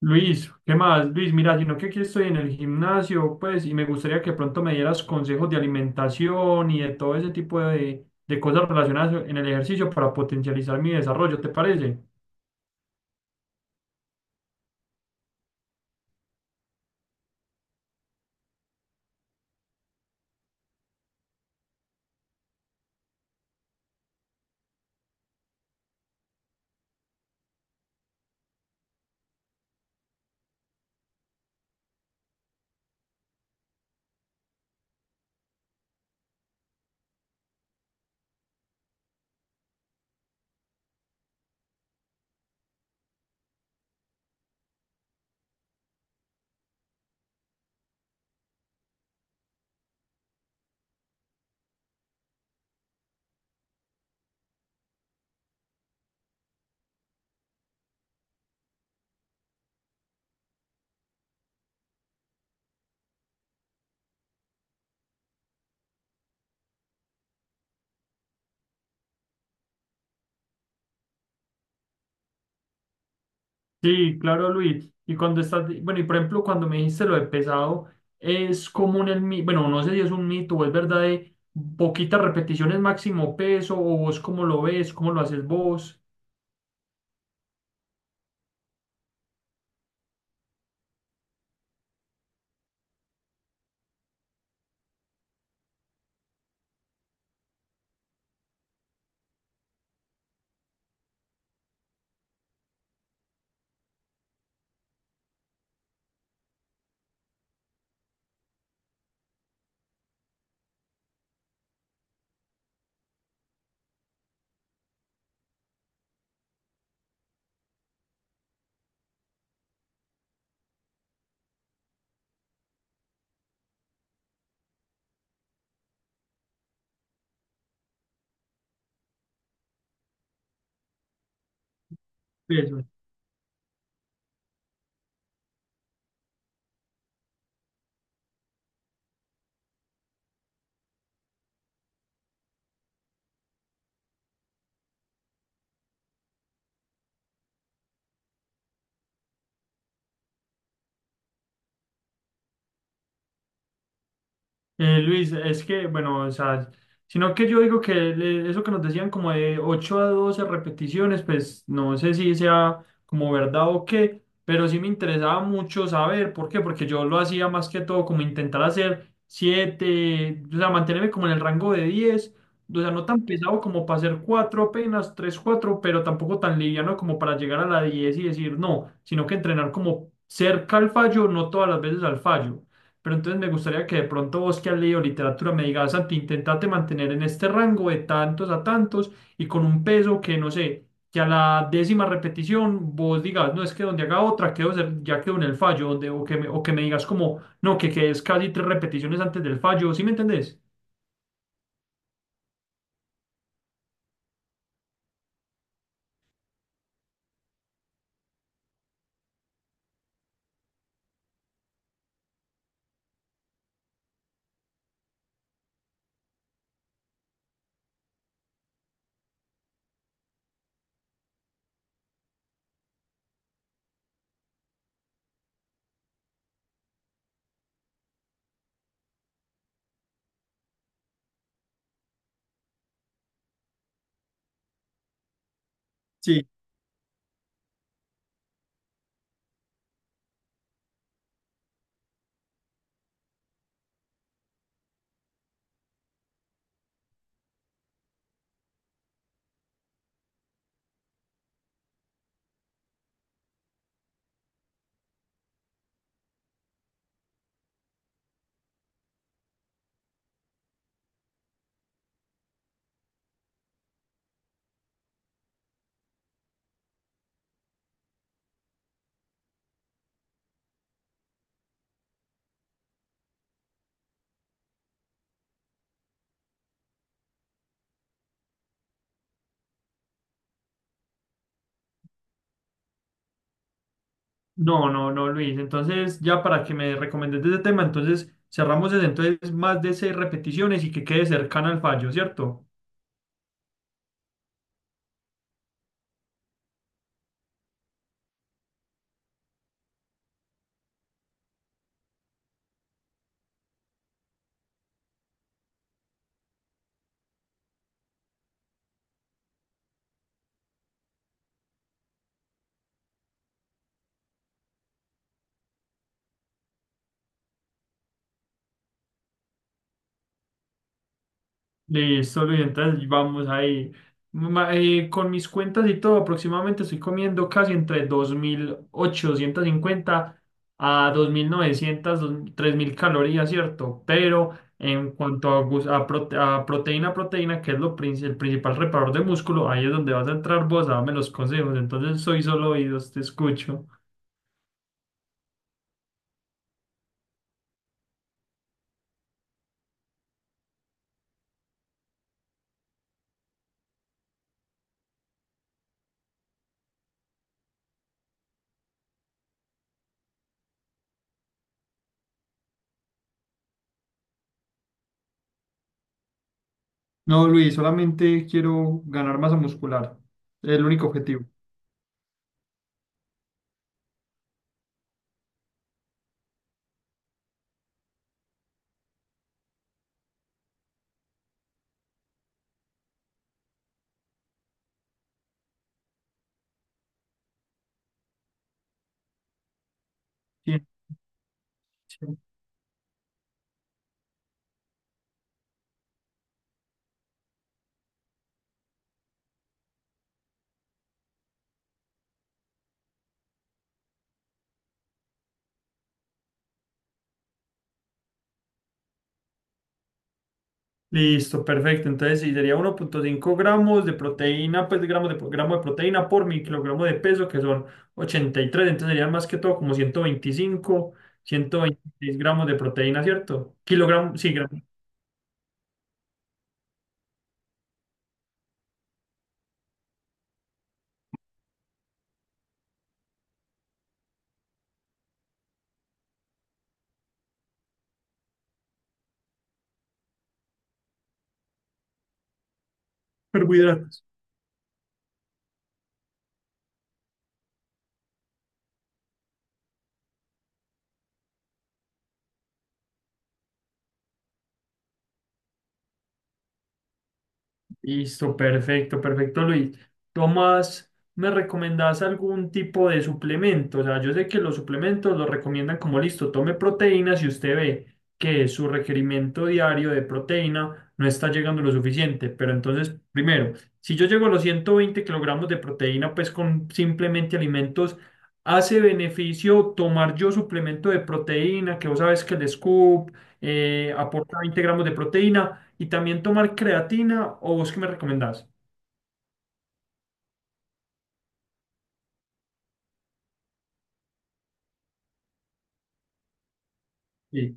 Luis, ¿qué más? Luis, mira, sino que aquí estoy en el gimnasio, pues, y me gustaría que pronto me dieras consejos de alimentación y de todo ese tipo de cosas relacionadas en el ejercicio para potencializar mi desarrollo, ¿te parece? Sí, claro, Luis. Y cuando estás, bueno, y por ejemplo, cuando me dijiste lo de pesado, es común el mito, bueno, no sé si es un mito o es verdad de poquitas repeticiones máximo peso, o vos cómo lo ves, cómo lo haces vos. Peso. Luis, es que, bueno, o sea, sino que yo digo eso que nos decían como de 8 a 12 repeticiones, pues no sé si sea como verdad o qué, pero sí me interesaba mucho saber por qué, porque yo lo hacía más que todo como intentar hacer 7, o sea, mantenerme como en el rango de 10, o sea, no tan pesado como para hacer 4 apenas, 3 4, pero tampoco tan liviano como para llegar a la 10 y decir no, sino que entrenar como cerca al fallo, no todas las veces al fallo. Pero entonces me gustaría que de pronto vos que has leído literatura me digas, Santi, intentate mantener en este rango de tantos a tantos y con un peso que no sé, que a la décima repetición vos digas, no es que donde haga otra quedo, ya quedo en el fallo, donde, o que me digas como, no, que quedes casi tres repeticiones antes del fallo, ¿sí me entendés? Sí. No, no, no, Luis. Entonces, ya para que me recomiendes de ese tema, entonces cerramos desde entonces más de seis repeticiones y que quede cercana al fallo, ¿cierto? Listo, Luis, entonces vamos ahí. Con mis cuentas y todo, aproximadamente estoy comiendo casi entre 2.850 a 2.900, 3.000 calorías, ¿cierto? Pero en cuanto a proteína, que es el principal reparador de músculo, ahí es donde vas a entrar vos a darme los consejos. Entonces soy solo oídos, te escucho. No, Luis, solamente quiero ganar masa muscular. Es el único objetivo. Sí. Listo, perfecto. Entonces, sí, sería 1,5 gramos de proteína, pues gramo de proteína por mi kilogramo de peso, que son 83. Entonces, serían más que todo como ciento 126 gramos de proteína, ¿cierto? Kilogramos, sí, gramos de carbohidratos. Listo, perfecto, perfecto, Luis. Tomás, ¿me recomendás algún tipo de suplemento? O sea, yo sé que los suplementos los recomiendan como listo, tome proteínas y usted ve que su requerimiento diario de proteína no está llegando lo suficiente. Pero entonces, primero, si yo llego a los 120 kilogramos de proteína, pues con simplemente alimentos, ¿hace beneficio tomar yo suplemento de proteína, que vos sabes que el scoop aporta 20 gramos de proteína? Y también tomar creatina, o vos qué me recomendás? Sí.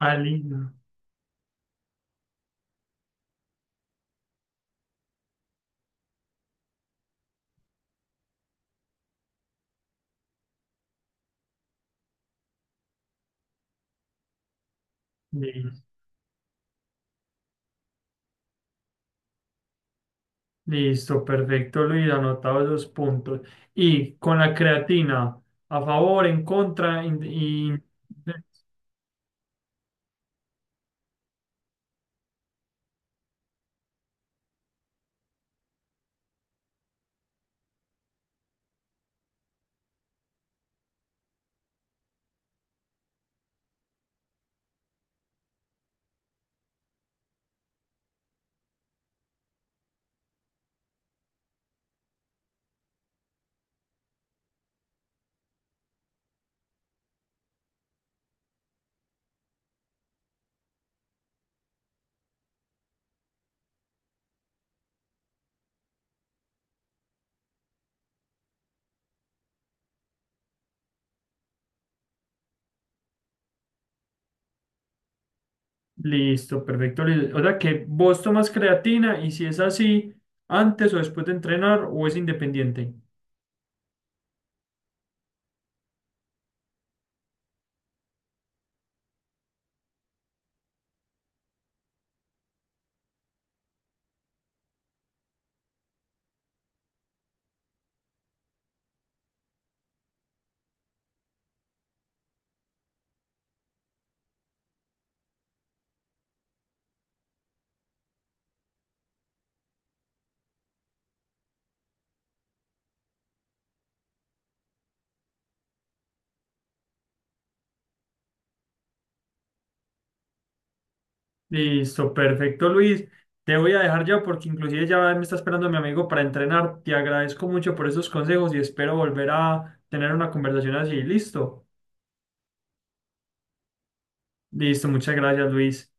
Alina. Li- Listo, perfecto, Luis, anotado esos puntos. Y con la creatina, a favor, en contra, y listo, perfecto, Luis. O sea que vos tomas creatina y si es así, antes o después de entrenar, o es independiente. Listo, perfecto, Luis. Te voy a dejar ya porque inclusive ya me está esperando mi amigo para entrenar. Te agradezco mucho por esos consejos y espero volver a tener una conversación así. Listo. Listo, muchas gracias, Luis.